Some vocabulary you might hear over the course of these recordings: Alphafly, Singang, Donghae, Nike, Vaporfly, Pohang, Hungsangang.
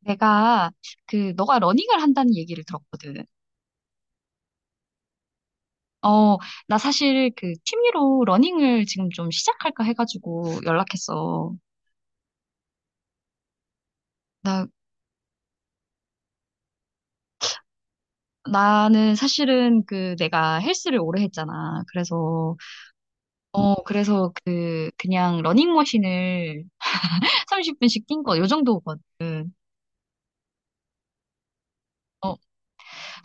내가 그 너가 러닝을 한다는 얘기를 들었거든. 어, 나 사실 그 취미로 러닝을 지금 좀 시작할까 해가지고 연락했어. 나 나는 사실은 그 내가 헬스를 오래 했잖아. 그래서 어 그래서 그 그냥 러닝머신을 30분씩 뛴 거 요 정도거든. 어,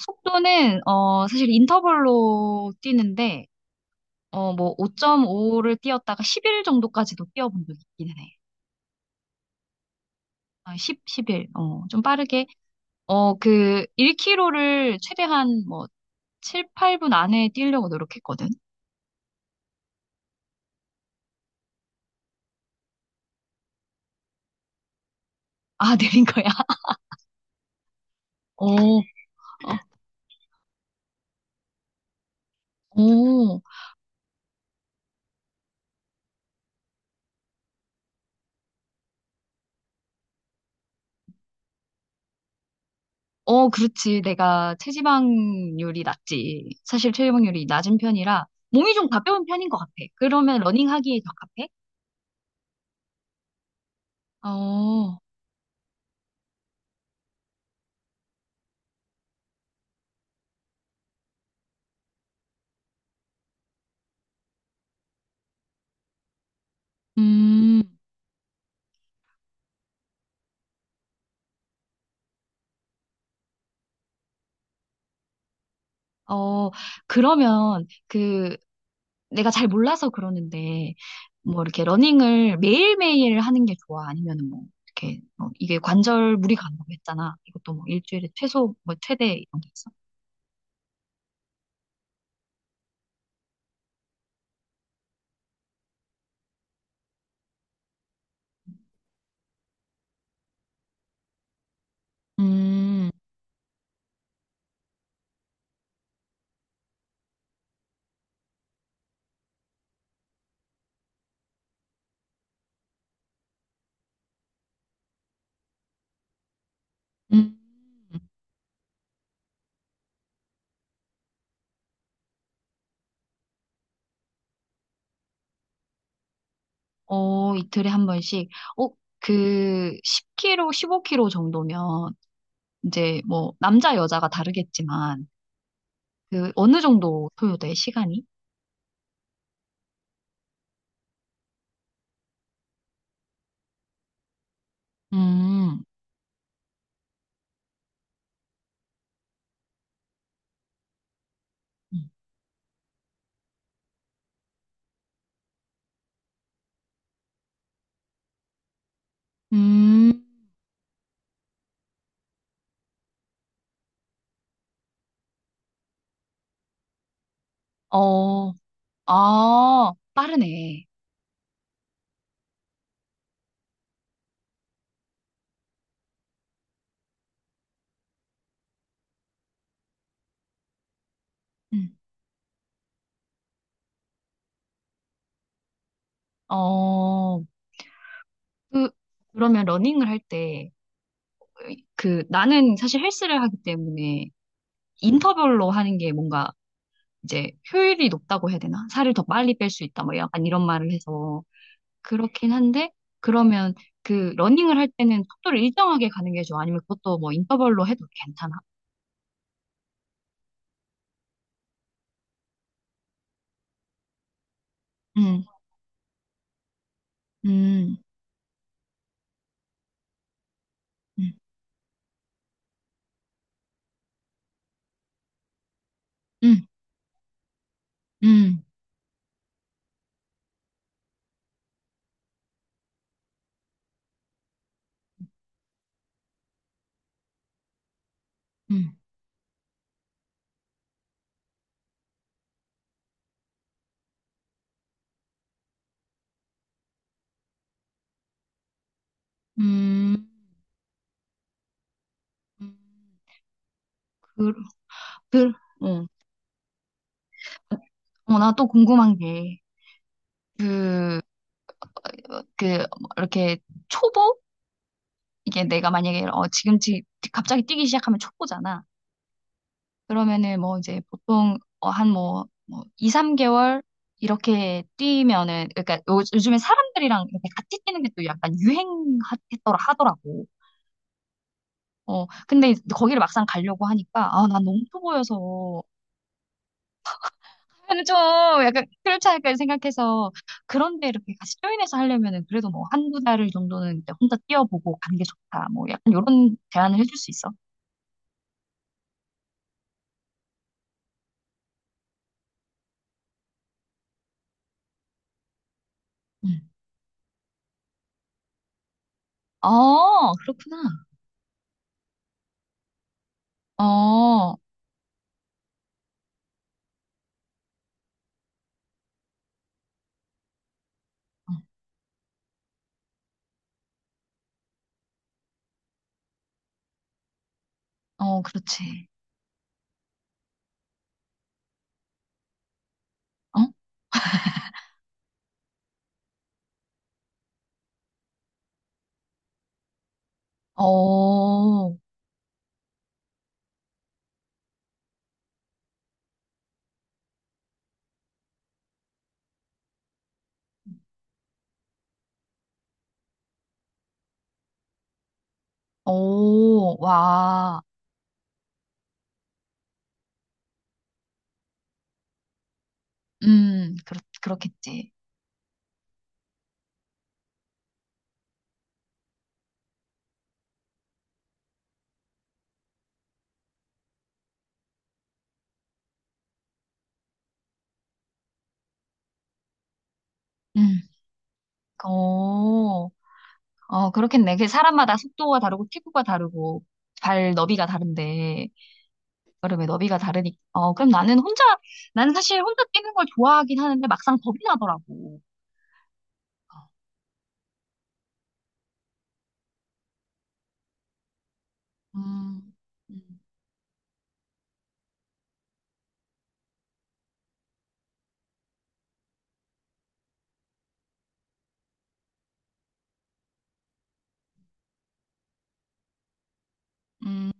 속도는 사실 인터벌로 뛰는데 뭐 5.5를 뛰었다가 10일 정도까지도 뛰어본 적이 있기는 해. 10, 11. 좀 빠르게 그 1 k 로를 최대한 뭐 7, 8분 안에 뛰려고 노력했거든. 아, 내린 거야. 어, 어, 어, 그렇지. 내가 체지방률이 낮지. 사실 체지방률이 낮은 편이라 몸이 좀 가벼운 편인 것 같아. 그러면 러닝하기에 적합해? 어, 음, 어, 그러면 그 내가 잘 몰라서 그러는데 뭐 이렇게 러닝을 매일매일 하는 게 좋아? 아니면 뭐 이렇게 뭐 이게 관절 무리가 간다고 했잖아. 이것도 뭐 일주일에 최소 뭐 최대 이런 게 있어? 음, 음, 어, 이틀에 한 번씩. 어, 그 10kg, 15kg 정도면 이제 뭐 남자 여자가 다르겠지만 그 어느 정도 소요돼 시간이? 음, 음. 음, 어, 아, 빠르네. 음. 어, 그, 그러면 러닝을 할 때, 나는 사실 헬스를 하기 때문에 인터벌로 하는 게 뭔가 이제 효율이 높다고 해야 되나? 살을 더 빨리 뺄 수 있다, 뭐 약간 이런 말을 해서. 그렇긴 한데, 그러면 그 러닝을 할 때는 속도를 일정하게 가는 게 좋아? 아니면 그것도 뭐 인터벌로 해도 괜찮아? 음, 음, 음, 음, 음, 음, 음, 음. 그, 그, 어, 나 또 궁금한 게, 그, 그 이렇게 초보 이게 내가 만약에 지금 갑자기 뛰기 시작하면 초보잖아. 그러면은 뭐 이제 보통 어 한뭐 뭐 2, 3개월 이렇게 뛰면은 그러니까 요즘에 사람들이랑 이렇게 같이 뛰는 게 또 약간 유행했더라 하더라고. 근데 거기를 막상 가려고 하니까 아 난 너무 초보여서 저는 좀 약간 클럽차까지 생각해서 그런데 이렇게 같이 조인해서 하려면은 그래도 뭐 한 두 달 정도는 이제 혼자 뛰어보고 가는 게 좋다. 뭐 약간 이런 제안을 해줄 수 있어? 응. 어, 그렇구나. 어, 어, 어, 그렇지. 어? 어, 오, 와. 그렇겠지. 음, 어, 어, 그렇겠네. 그 사람마다 속도가 다르고 피부가 다르고 발 너비가 다른데. 여름에 너비가 다르니까. 어, 그럼 나는 사실 혼자 뛰는 걸 좋아하긴 하는데 막상 겁이 나더라고. 음, 음, 음,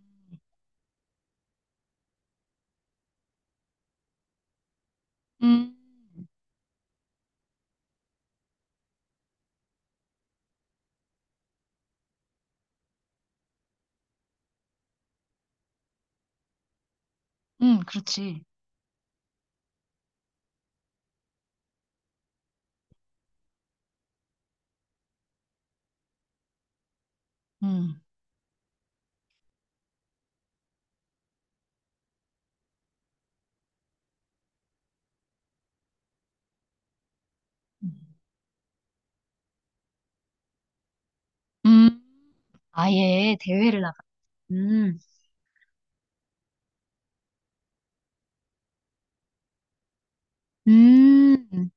음, 그렇지. 음, 음. 음. 아예 대회를 나가. 음, 음.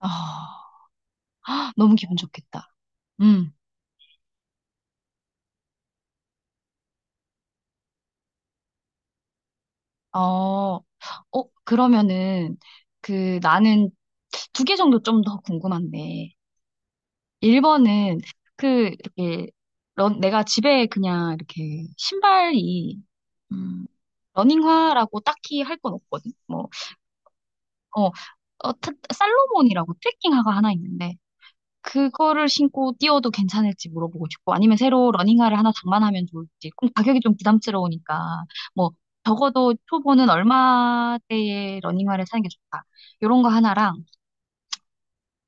아, 너무 기분 좋겠다. 음, 어, 어, 그러면은, 나는 두 개 정도 좀 더 궁금한데, 1번은 그 이렇게 내가 집에 그냥 이렇게 신발이 음, 러닝화라고 딱히 할 건 없거든. 뭐 어, 살로몬이라고 트레킹화가 하나 있는데 그거를 신고 뛰어도 괜찮을지 물어보고 싶고 아니면 새로 러닝화를 하나 장만하면 좋을지. 그럼 가격이 좀 부담스러우니까 뭐 적어도 초보는 얼마대의 러닝화를 사는 게 좋다. 요런 거 하나랑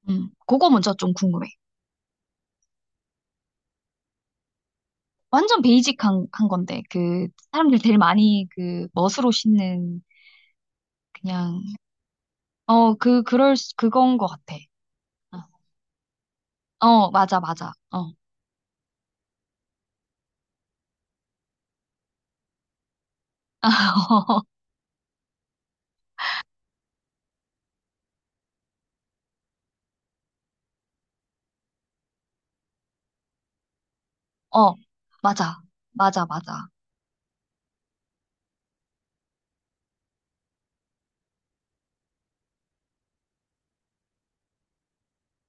그거 먼저 좀 궁금해. 완전 베이직한 한 건데 그 사람들 제일 많이 그 멋으로 신는 그냥 그건 것 같아. 어 어, 맞아 맞아 어 어, 맞아 맞아 맞아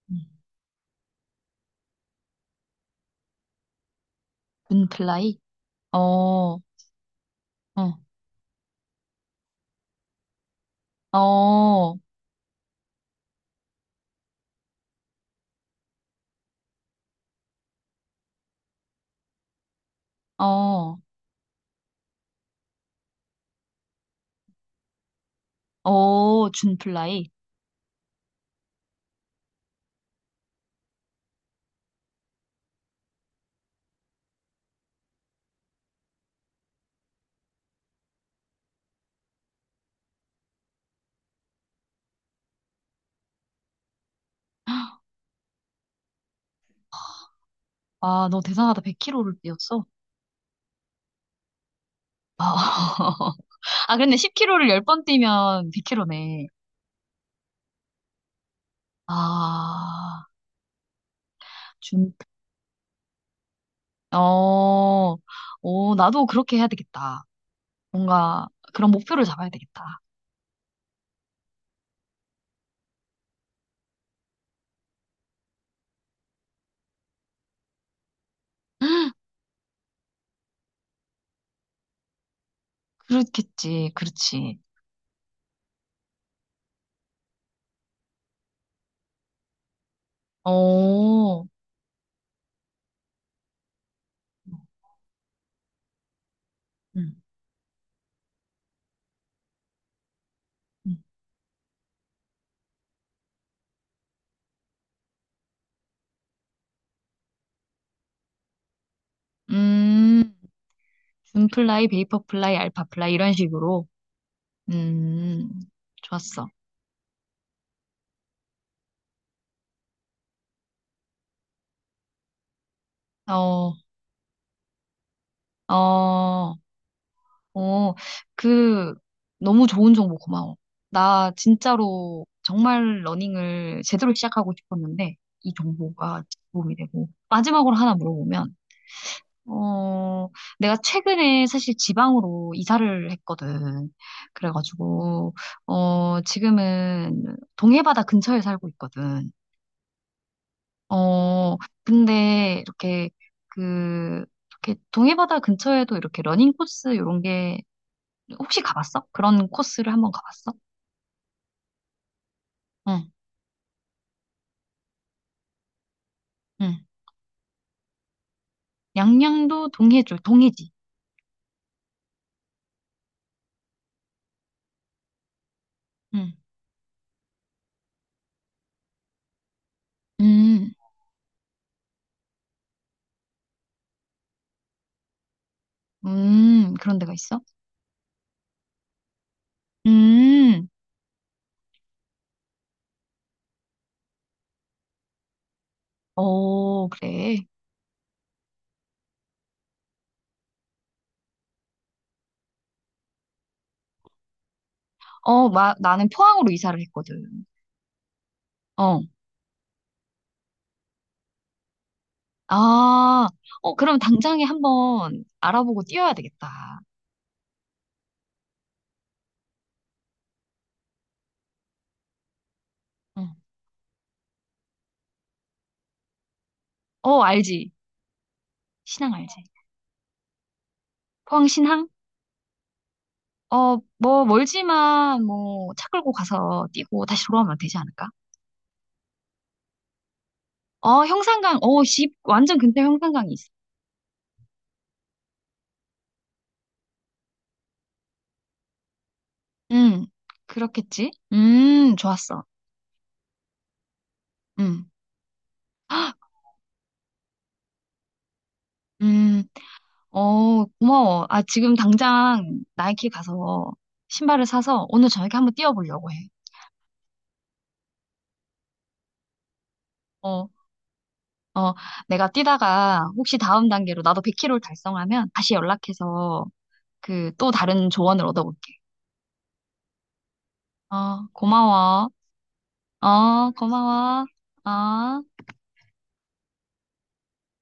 음. 준플라이 어어어 어 어 준플라이 아 너 대단하다 100kg를 뛰었어. 아 근데 10kg를 10번 뛰면 100kg네. 아 어, 어, 나도 그렇게 해야 되겠다. 뭔가 그런 목표를 잡아야 되겠다. 그렇겠지, 그렇지. 어, 음, 음, 음, 준플라이, 베이퍼플라이, 알파플라이 이런 식으로. 음, 좋았어. 어, 어, 어, 그 너무 좋은 정보 고마워. 나 진짜로 정말 러닝을 제대로 시작하고 싶었는데 이 정보가 도움이 되고 마지막으로 하나 물어보면. 어, 내가 최근에 사실 지방으로 이사를 했거든. 그래가지고, 지금은 동해바다 근처에 살고 있거든. 어, 근데 그, 이렇게 동해바다 근처에도 이렇게 러닝 코스 이런 게 혹시 가봤어? 그런 코스를 한번 가봤어? 응, 응. 양양도 동해 쪽, 동해지. 응, 음, 그런 데가 있어? 음, 어, 그래. 어, 나는 포항으로 이사를 했거든. 어. 아, 어, 그럼 당장에 한번 알아보고 뛰어야 되겠다. 응. 어, 알지. 신항 알지. 포항 신항? 어, 뭐, 멀지만, 뭐, 차 끌고 가서 뛰고 다시 돌아오면 되지 않을까? 형산강, 집, 완전 근처 형산강이 있어. 응, 그렇겠지? 좋았어. 음, 음, 어, 고마워. 아, 지금 당장 나이키 가서 신발을 사서 오늘 저녁에 한번 뛰어보려고 해. 어. 어, 내가 뛰다가 혹시 다음 단계로 나도 100km를 달성하면 다시 연락해서 그 또 다른 조언을 얻어볼게. 어, 고마워. 어, 고마워. 어.